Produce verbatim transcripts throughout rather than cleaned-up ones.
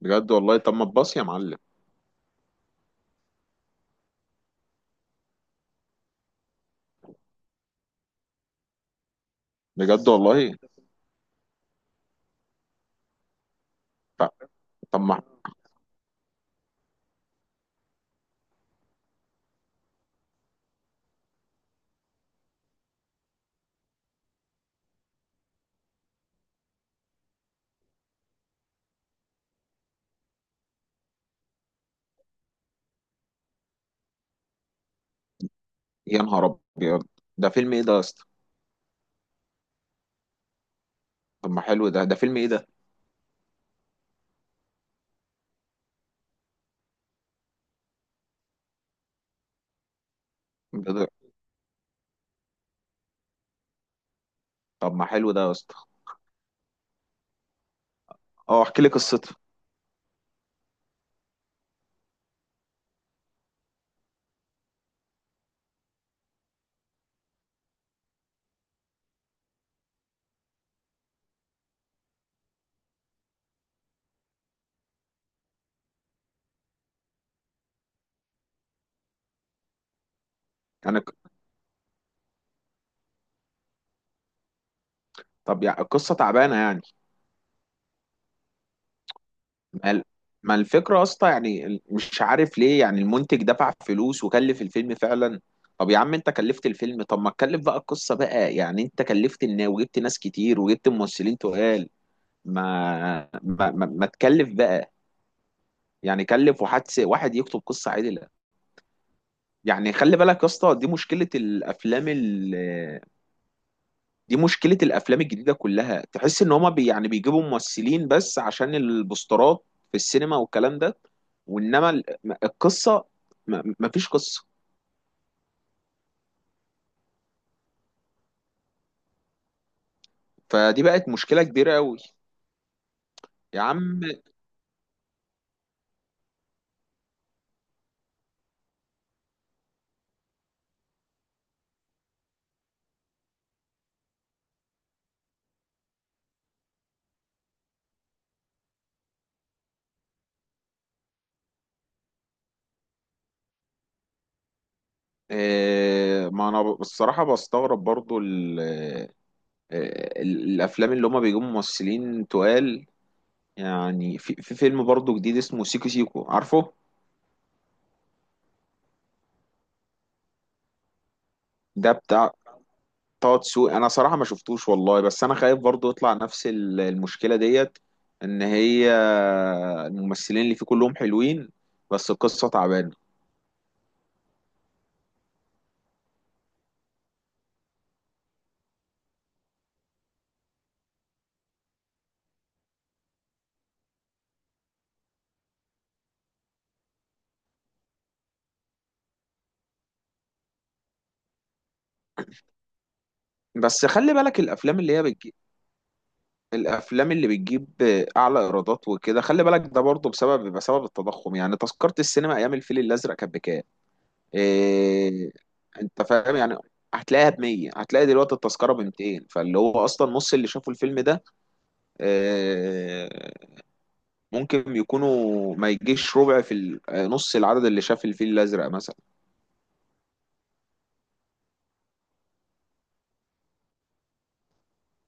بجد والله، طب ما تباص يا معلم. بجد والله. ف- طب ما... يا نهار ابيض، ده فيلم ايه ده يا اسطى؟ طب ما حلو ده، ده فيلم ايه ده؟ ده- ده- طب ما حلو ده يا اسطى. اه احكي لي قصته. يعني ك- طب يعني القصه تعبانه يعني؟ ما ال- ما الفكره يا اسطى، يعني ال- مش عارف ليه يعني المنتج دفع فلوس وكلف الفيلم فعلا. طب يا عم، انت كلفت الفيلم، طب ما تكلف بقى القصه بقى، يعني انت كلفت الناس وجبت ناس كتير وجبت ممثلين تقال. ما ما ما, ما تكلف بقى. يعني كلف واحد س- واحد يكتب قصة عادلة. يعني خلي بالك يا اسطى، دي مشكلة الافلام ال... دي مشكلة الافلام الجديدة كلها. تحس ان هما بي... يعني بيجيبوا ممثلين بس عشان البوسترات في السينما والكلام ده. وانما ال- م- القصة، م- مفيش قصة. فدي بقت مشكلة كبيرة قوي يا عم. آه، ما انا ب- بصراحة بستغرب برضو ال- آه، ال- الافلام اللي هما بيجيبوا ممثلين تقال. يعني في, في فيلم برضو جديد اسمه سيكو سيكو، عارفه؟ ده بتاع طه دسوقي. انا صراحه ما شفتوش والله، بس انا خايف برضو يطلع نفس ال- المشكله ديت. ان هي الممثلين اللي فيه كلهم حلوين، بس القصه تعبانه. بس خلي بالك، الافلام اللي هي بتجيب، الافلام اللي بتجيب اعلى ايرادات وكده، خلي بالك ده برضو بسبب بسبب التضخم. يعني تذكره السينما ايام الفيل الازرق كانت بكام؟ إيه... انت فاهم يعني. هتلاقيها ب مية، هتلاقي دلوقتي التذكره ب ميتين. فاللي هو اصلا نص اللي شافوا الفيلم ده، آه، ممكن يكونوا ما يجيش ربع في ال- نص العدد اللي شاف الفيل الأزرق مثلا.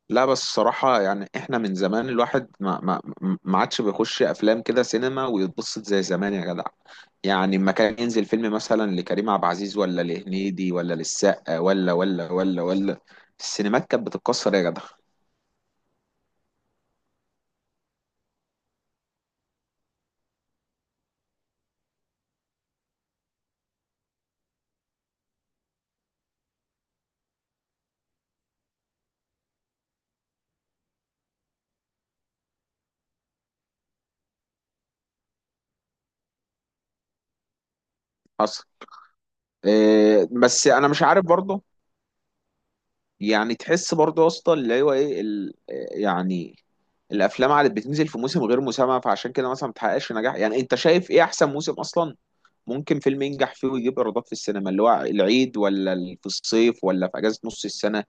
لا بس الصراحة يعني احنا من زمان، الواحد ما ما ما عادش بيخش أفلام كده سينما ويتبسط زي زمان يا جدع. يعني لما كان ينزل فيلم مثلا لكريم عبد العزيز ولا لهنيدي ولا للسقا ولا ولا ولا ولا السينمات كانت بتتكسر يا جدع. حصل. إيه، بس انا مش عارف برضه، يعني تحس برضه يا اسطى اللي هو ايه ال... يعني الافلام عادة بتنزل في موسم غير مسمى، فعشان كده مثلا ما بتحققش نجاح. يعني انت شايف ايه احسن موسم اصلا ممكن فيلم ينجح فيه ويجيب ايرادات في السينما؟ اللي هو العيد، ولا ال- في الصيف، ولا في اجازة نص السنة،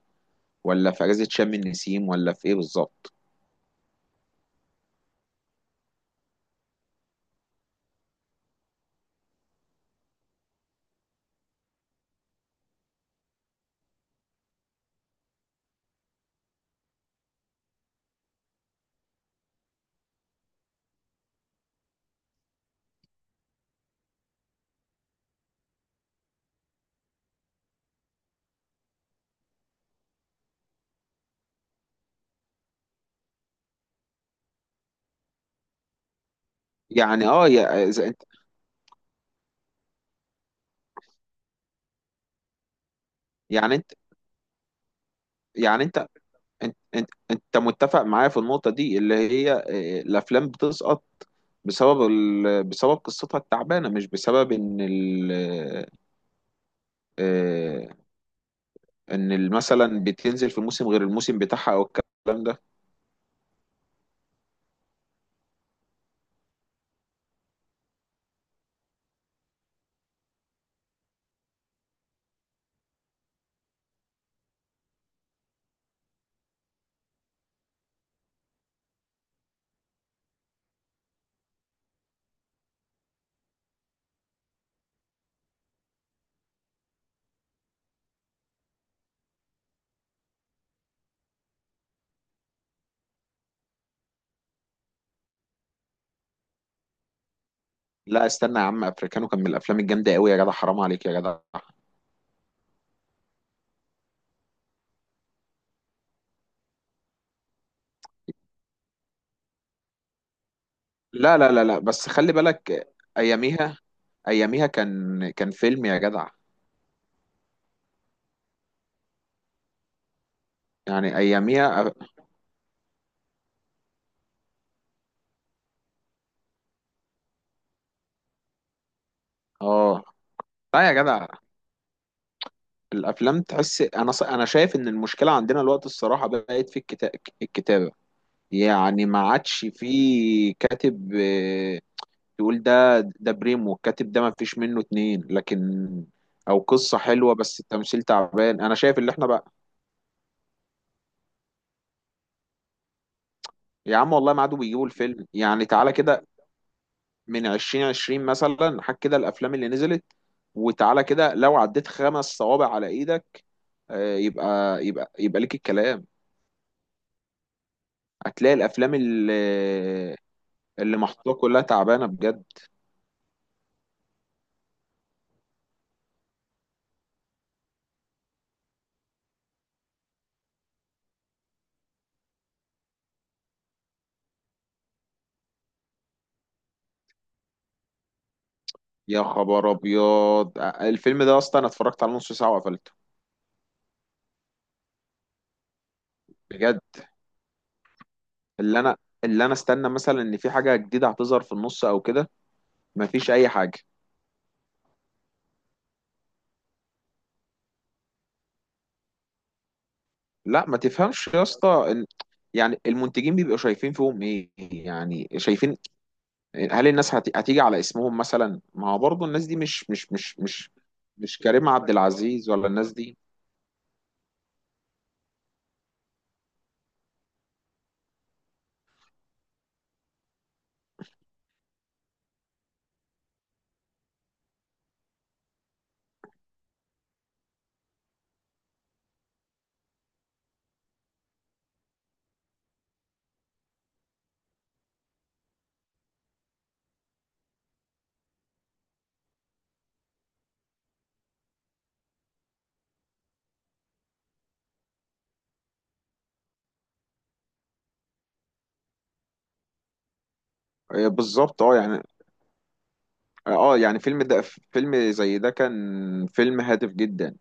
ولا في اجازة شم النسيم، ولا في ايه بالظبط؟ يعني اه، يا إذا انت... يعني انت يعني انت انت انت, انت متفق معايا في النقطة دي، اللي هي آه، الافلام بتسقط بسبب ال... بسبب قصتها التعبانة، مش بسبب ان ال... آه، ان ال- مثلا بتنزل في موسم غير الموسم بتاعها او الكلام ده. لا استنى يا عم، افريكانو كان من الافلام الجامده قوي يا جدع. حرام عليك يا جدع. لا لا لا لا، بس خلي بالك اياميها. اياميها كان كان فيلم يا جدع. يعني اياميها. اه لا يا جدع، الافلام تحس... انا ص... انا شايف ان المشكله عندنا الوقت الصراحه بقت في الكتا... الكتابه. يعني ما عادش في كاتب، آه، تقول ده ده بريمو الكاتب ده، ما فيش منه اتنين. لكن او قصة حلوة بس التمثيل تعبان، انا شايف اللي احنا بقى. يا عم والله ما عادوا بيجيبوا الفيلم. يعني تعالى كده من عشرين عشرين مثلا، حك كده الافلام اللي نزلت، وتعالى كده لو عديت خمس صوابع على ايدك، آه، يبقى يبقى يبقى ليك الكلام. هتلاقي الافلام اللي اللي محطوطه كلها تعبانه بجد. يا خبر ابيض، الفيلم ده اصلا انا اتفرجت على نص ساعه وقفلته بجد. اللي انا اللي انا استنى مثلا ان في حاجه جديده هتظهر في النص او كده، مفيش اي حاجه. لا ما تفهمش يا اسطى، إن- يعني المنتجين بيبقوا شايفين فيهم ايه؟ يعني شايفين هل الناس هت- هتيجي على اسمهم مثلا؟ ما هو برضه الناس دي مش مش مش مش مش كريم عبد العزيز ولا الناس دي. آه، بالظبط، اه يعني، اه آه، يعني فيلم ده، فيلم زي ده كان فيلم هادف جدا.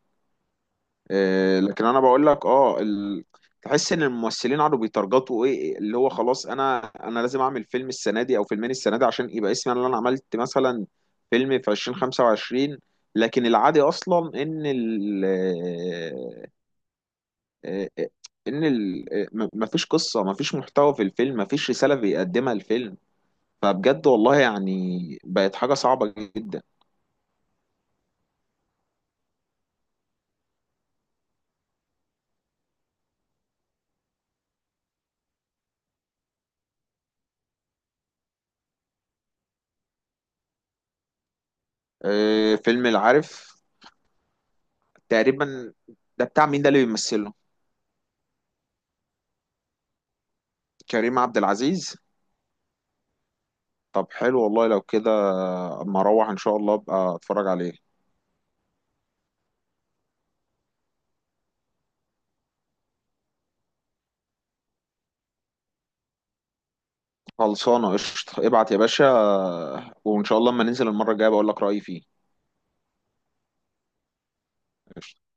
آه، لكن انا بقول لك، اه ال... تحس ان الممثلين قعدوا بيترجطوا، ايه اللي هو خلاص، انا انا لازم اعمل فيلم السنه دي او فيلمين السنه دي عشان يبقى اسمي انا اللي انا عملت مثلا فيلم في ألفين وخمسة وعشرين. لكن العادي اصلا ان ال آه، آه، ان ال آه، ما فيش قصه، ما فيش محتوى في الفيلم، ما فيش رساله بيقدمها الفيلم. فبجد والله يعني، بقت حاجه صعبه جدا. آه، فيلم العارف تقريبا. ده بتاع مين ده اللي بيمثله؟ كريم عبد العزيز. طب حلو والله لو كده، اما اروح ان شاء الله ابقى اتفرج عليه. خلصانه قشطه، ابعت يا باشا، وان شاء الله اما ننزل المره الجايه بقول لك رايي فيه. قشطة.